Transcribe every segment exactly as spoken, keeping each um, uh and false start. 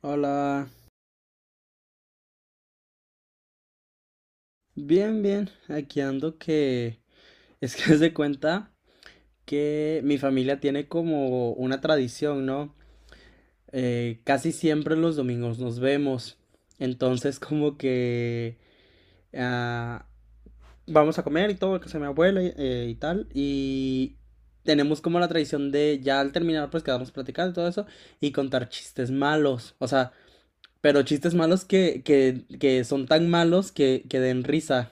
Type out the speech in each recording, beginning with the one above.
Hola, bien, bien, aquí ando que es que se cuenta que mi familia tiene como una tradición, ¿no? Eh, casi siempre los domingos nos vemos, entonces como que ah, vamos a comer y todo, que se mi abuela y, eh, y tal, y tenemos como la tradición de ya al terminar pues quedarnos platicando y todo eso y contar chistes malos, o sea, pero chistes malos que, que, que son tan malos que, que den risa.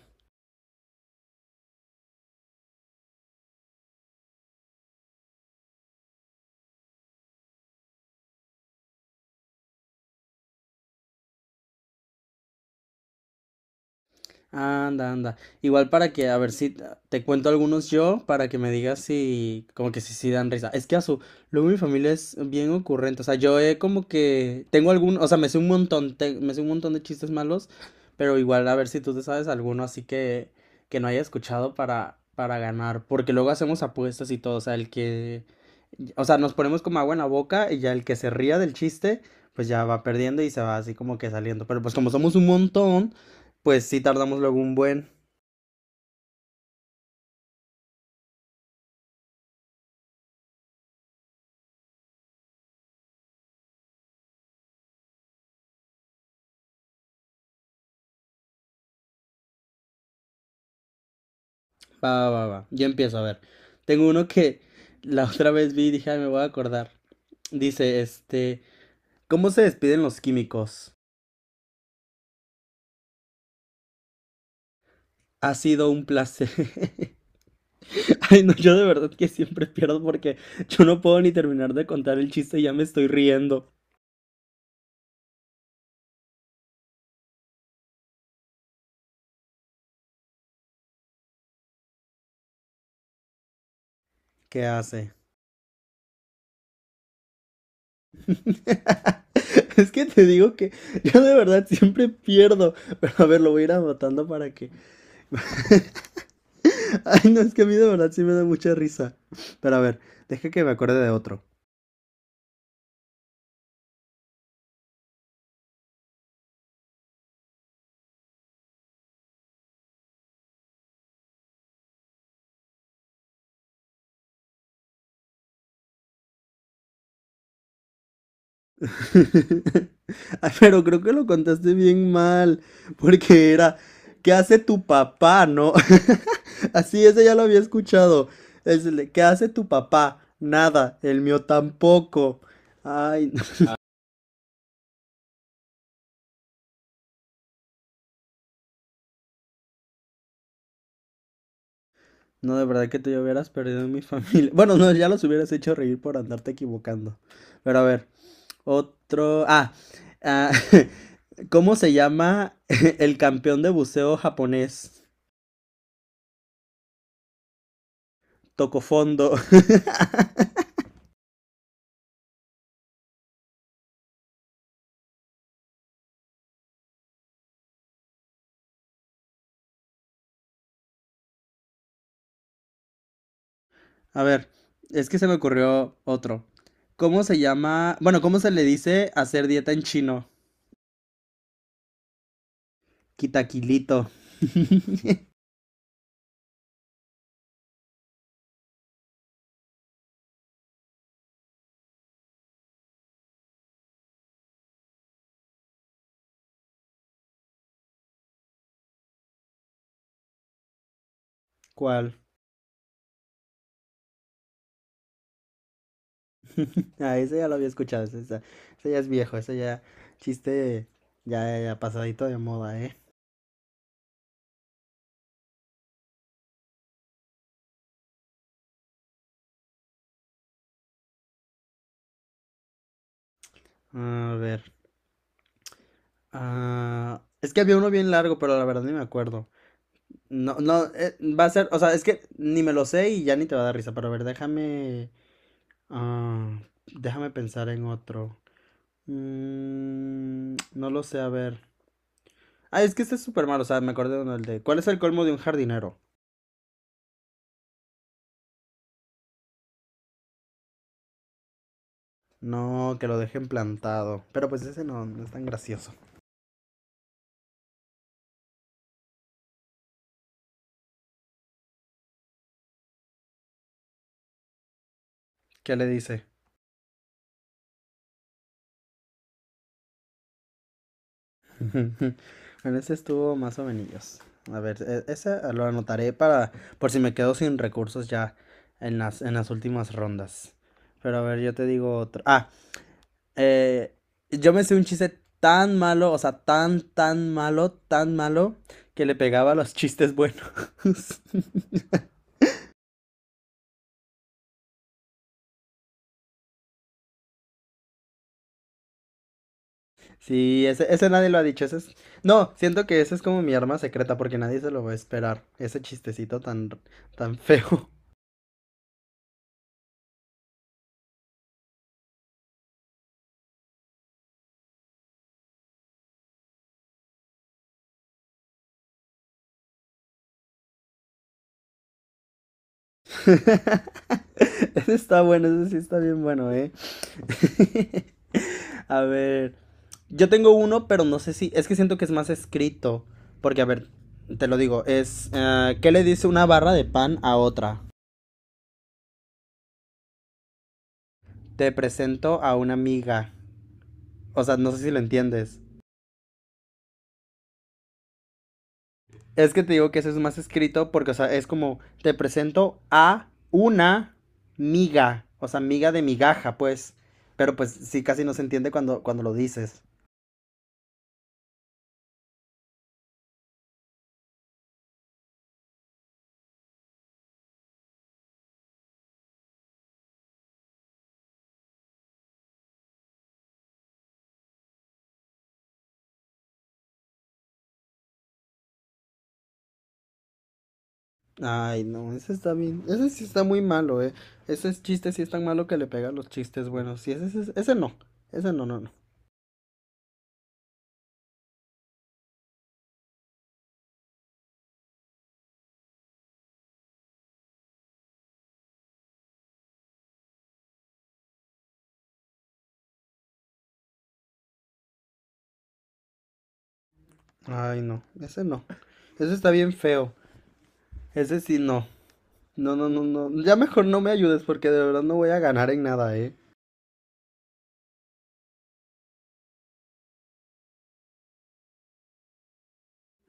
Anda, anda. Igual para que, a ver si te cuento algunos yo, para que me digas si, como que si sí dan risa. Es que a su, luego mi familia es bien ocurrente. O sea, yo he como que, tengo algún, o sea, me sé un montón, te- me sé un montón de chistes malos, pero igual a ver si tú te sabes alguno así que, que no haya escuchado para, para ganar. Porque luego hacemos apuestas y todo, o sea, el que, o sea, nos ponemos como agua en la boca y ya el que se ría del chiste, pues ya va perdiendo y se va así como que saliendo. Pero pues como somos un montón pues sí tardamos luego un buen. Va, va, va, va. Yo empiezo a ver. Tengo uno que la otra vez vi y dije, ay, me voy a acordar. Dice, este, ¿cómo se despiden los químicos? Ha sido un placer. Ay, no, yo de verdad que siempre pierdo porque yo no puedo ni terminar de contar el chiste y ya me estoy riendo. ¿Qué hace? Es que te digo que yo de verdad siempre pierdo. Pero a ver, lo voy a ir anotando para que Ay, no, es que a mí de verdad sí me da mucha risa. Pero a ver, deja que me acuerde de otro. Ay, pero creo que lo contaste bien mal, porque era, ¿qué hace tu papá, no? Así, ese ya lo había escuchado. Es el de, ¿qué hace tu papá? Nada, el mío tampoco. Ay, no, no, de verdad que te hubieras perdido en mi familia. Bueno, no, ya los hubieras hecho reír por andarte equivocando. Pero a ver, otro. Ah, ah, ¿cómo se llama el campeón de buceo japonés? Tocó fondo. A ver, es que se me ocurrió otro. ¿Cómo se llama? Bueno, ¿cómo se le dice hacer dieta en chino? Kitaquilito. ¿Cuál? Ah, ese ya lo había escuchado. Ese, ese- ese ya es viejo. Ese ya. Chiste ya, ya pasadito de moda, ¿eh? A ver. Ah, es que había uno bien largo, pero la verdad ni me acuerdo. No, no, eh, va a ser, o sea, es que ni me lo sé y ya ni te va a dar risa, pero a ver, déjame, ah, déjame pensar en otro. Mm, no lo sé, a ver. Ah, es que este es súper malo, o sea, me acordé de uno, el de, ¿cuál es el colmo de un jardinero? No, que lo dejen plantado, pero pues ese no, no es tan gracioso. ¿Qué le dice? Bueno, ese estuvo más o menos. A ver, e- ese lo anotaré para, por si me quedo sin recursos ya en las, en las últimas rondas. Pero a ver, yo te digo otro. Ah, Eh, yo me sé un chiste tan malo, o sea, tan, tan malo, tan malo, que le pegaba a los chistes buenos. Sí, ese, ese nadie lo ha dicho. Ese es... No, siento que ese es como mi arma secreta porque nadie se lo va a esperar. Ese chistecito tan, tan feo. Ese está bueno, ese sí está bien bueno, ¿eh? A ver, yo tengo uno, pero no sé si, es que siento que es más escrito, porque a ver, te lo digo, es, eh, ¿qué le dice una barra de pan a otra? Te presento a una amiga. O sea, no sé si lo entiendes. Es que te digo que eso es más escrito porque, o sea, es como, te presento a una miga, o sea, miga de migaja, pues, pero pues sí, casi no se entiende cuando, cuando lo dices. Ay, no, ese está bien. Ese sí está muy malo, eh. Ese es chiste sí es tan malo que le pega a los chistes buenos. Sí, ese, ese, ese no. Ese no, no, no. Ay, no. Ese no. Ese está bien feo. Ese sí no. No, no, no, no. Ya mejor no me ayudes porque de verdad no voy a ganar en nada, eh.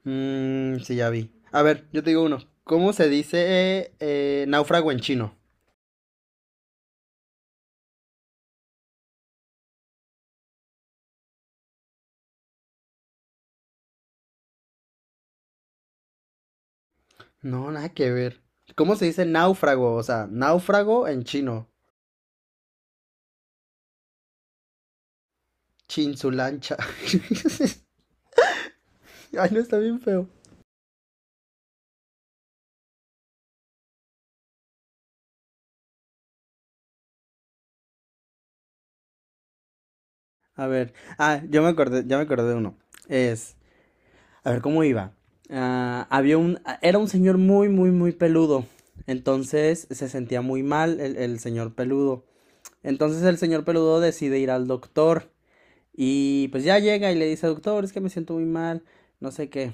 Mmm, sí, ya vi. A ver, yo te digo uno. ¿Cómo se dice eh, eh, náufrago en chino? No, nada que ver. ¿Cómo se dice náufrago? O sea, náufrago en chino. Chinsulancha. Ay, no, está bien feo. A ver, ah, yo me acordé, ya me acordé de uno. Es, a ver, ¿cómo iba? Ah, había un, ah, era un señor muy, muy, muy peludo. Entonces se sentía muy mal el, el señor peludo. Entonces el señor peludo decide ir al doctor. Y pues ya llega y le dice, doctor, es que me siento muy mal, no sé qué.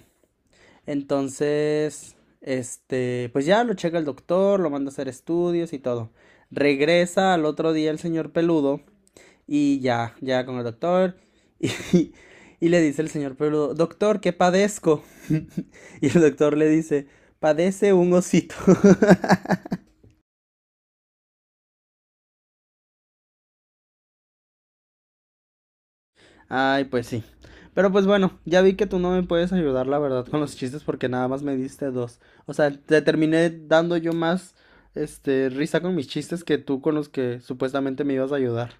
Entonces, este, pues ya lo checa el doctor, lo manda a hacer estudios y todo. Regresa al otro día el señor peludo y ya, ya con el doctor. Y, y le dice el señor Peludo, doctor, ¿qué padezco? Y el doctor le dice, padece un osito. Ay, pues sí. Pero pues bueno, ya vi que tú no me puedes ayudar, la verdad, con los chistes porque nada más me diste dos. O sea, te terminé dando yo más, este, risa con mis chistes que tú con los que supuestamente me ibas a ayudar.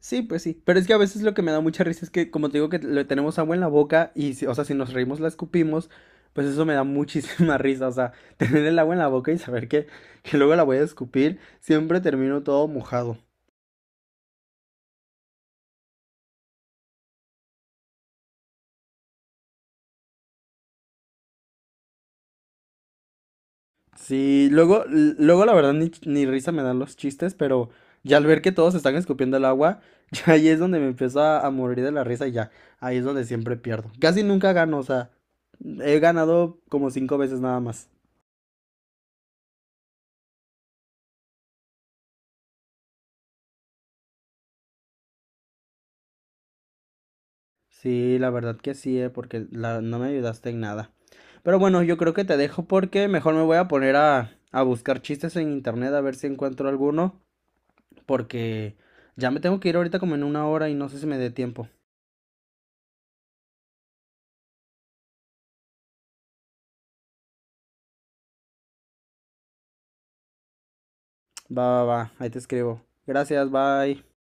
Sí, pues sí. Pero es que a veces lo que me da mucha risa es que, como te digo, que le tenemos agua en la boca y, si- o sea, si nos reímos la escupimos, pues eso me da muchísima risa. O sea, tener el agua en la boca y saber que, que luego la voy a escupir, siempre termino todo mojado. Sí, luego, l- luego la verdad ni, ni risa me dan los chistes, pero ya al ver que todos están escupiendo el agua, ya ahí es donde me empiezo a, a morir de la risa y ya, ahí es donde siempre pierdo. Casi nunca gano, o sea, he ganado como cinco veces nada más. Sí, la verdad que sí, eh, porque la- no me ayudaste en nada. Pero bueno, yo creo que te dejo porque mejor me voy a poner a, a buscar chistes en internet a ver si encuentro alguno, porque ya me tengo que ir ahorita como en una hora y no sé si me dé tiempo. Va, va, va, ahí te escribo. Gracias, bye.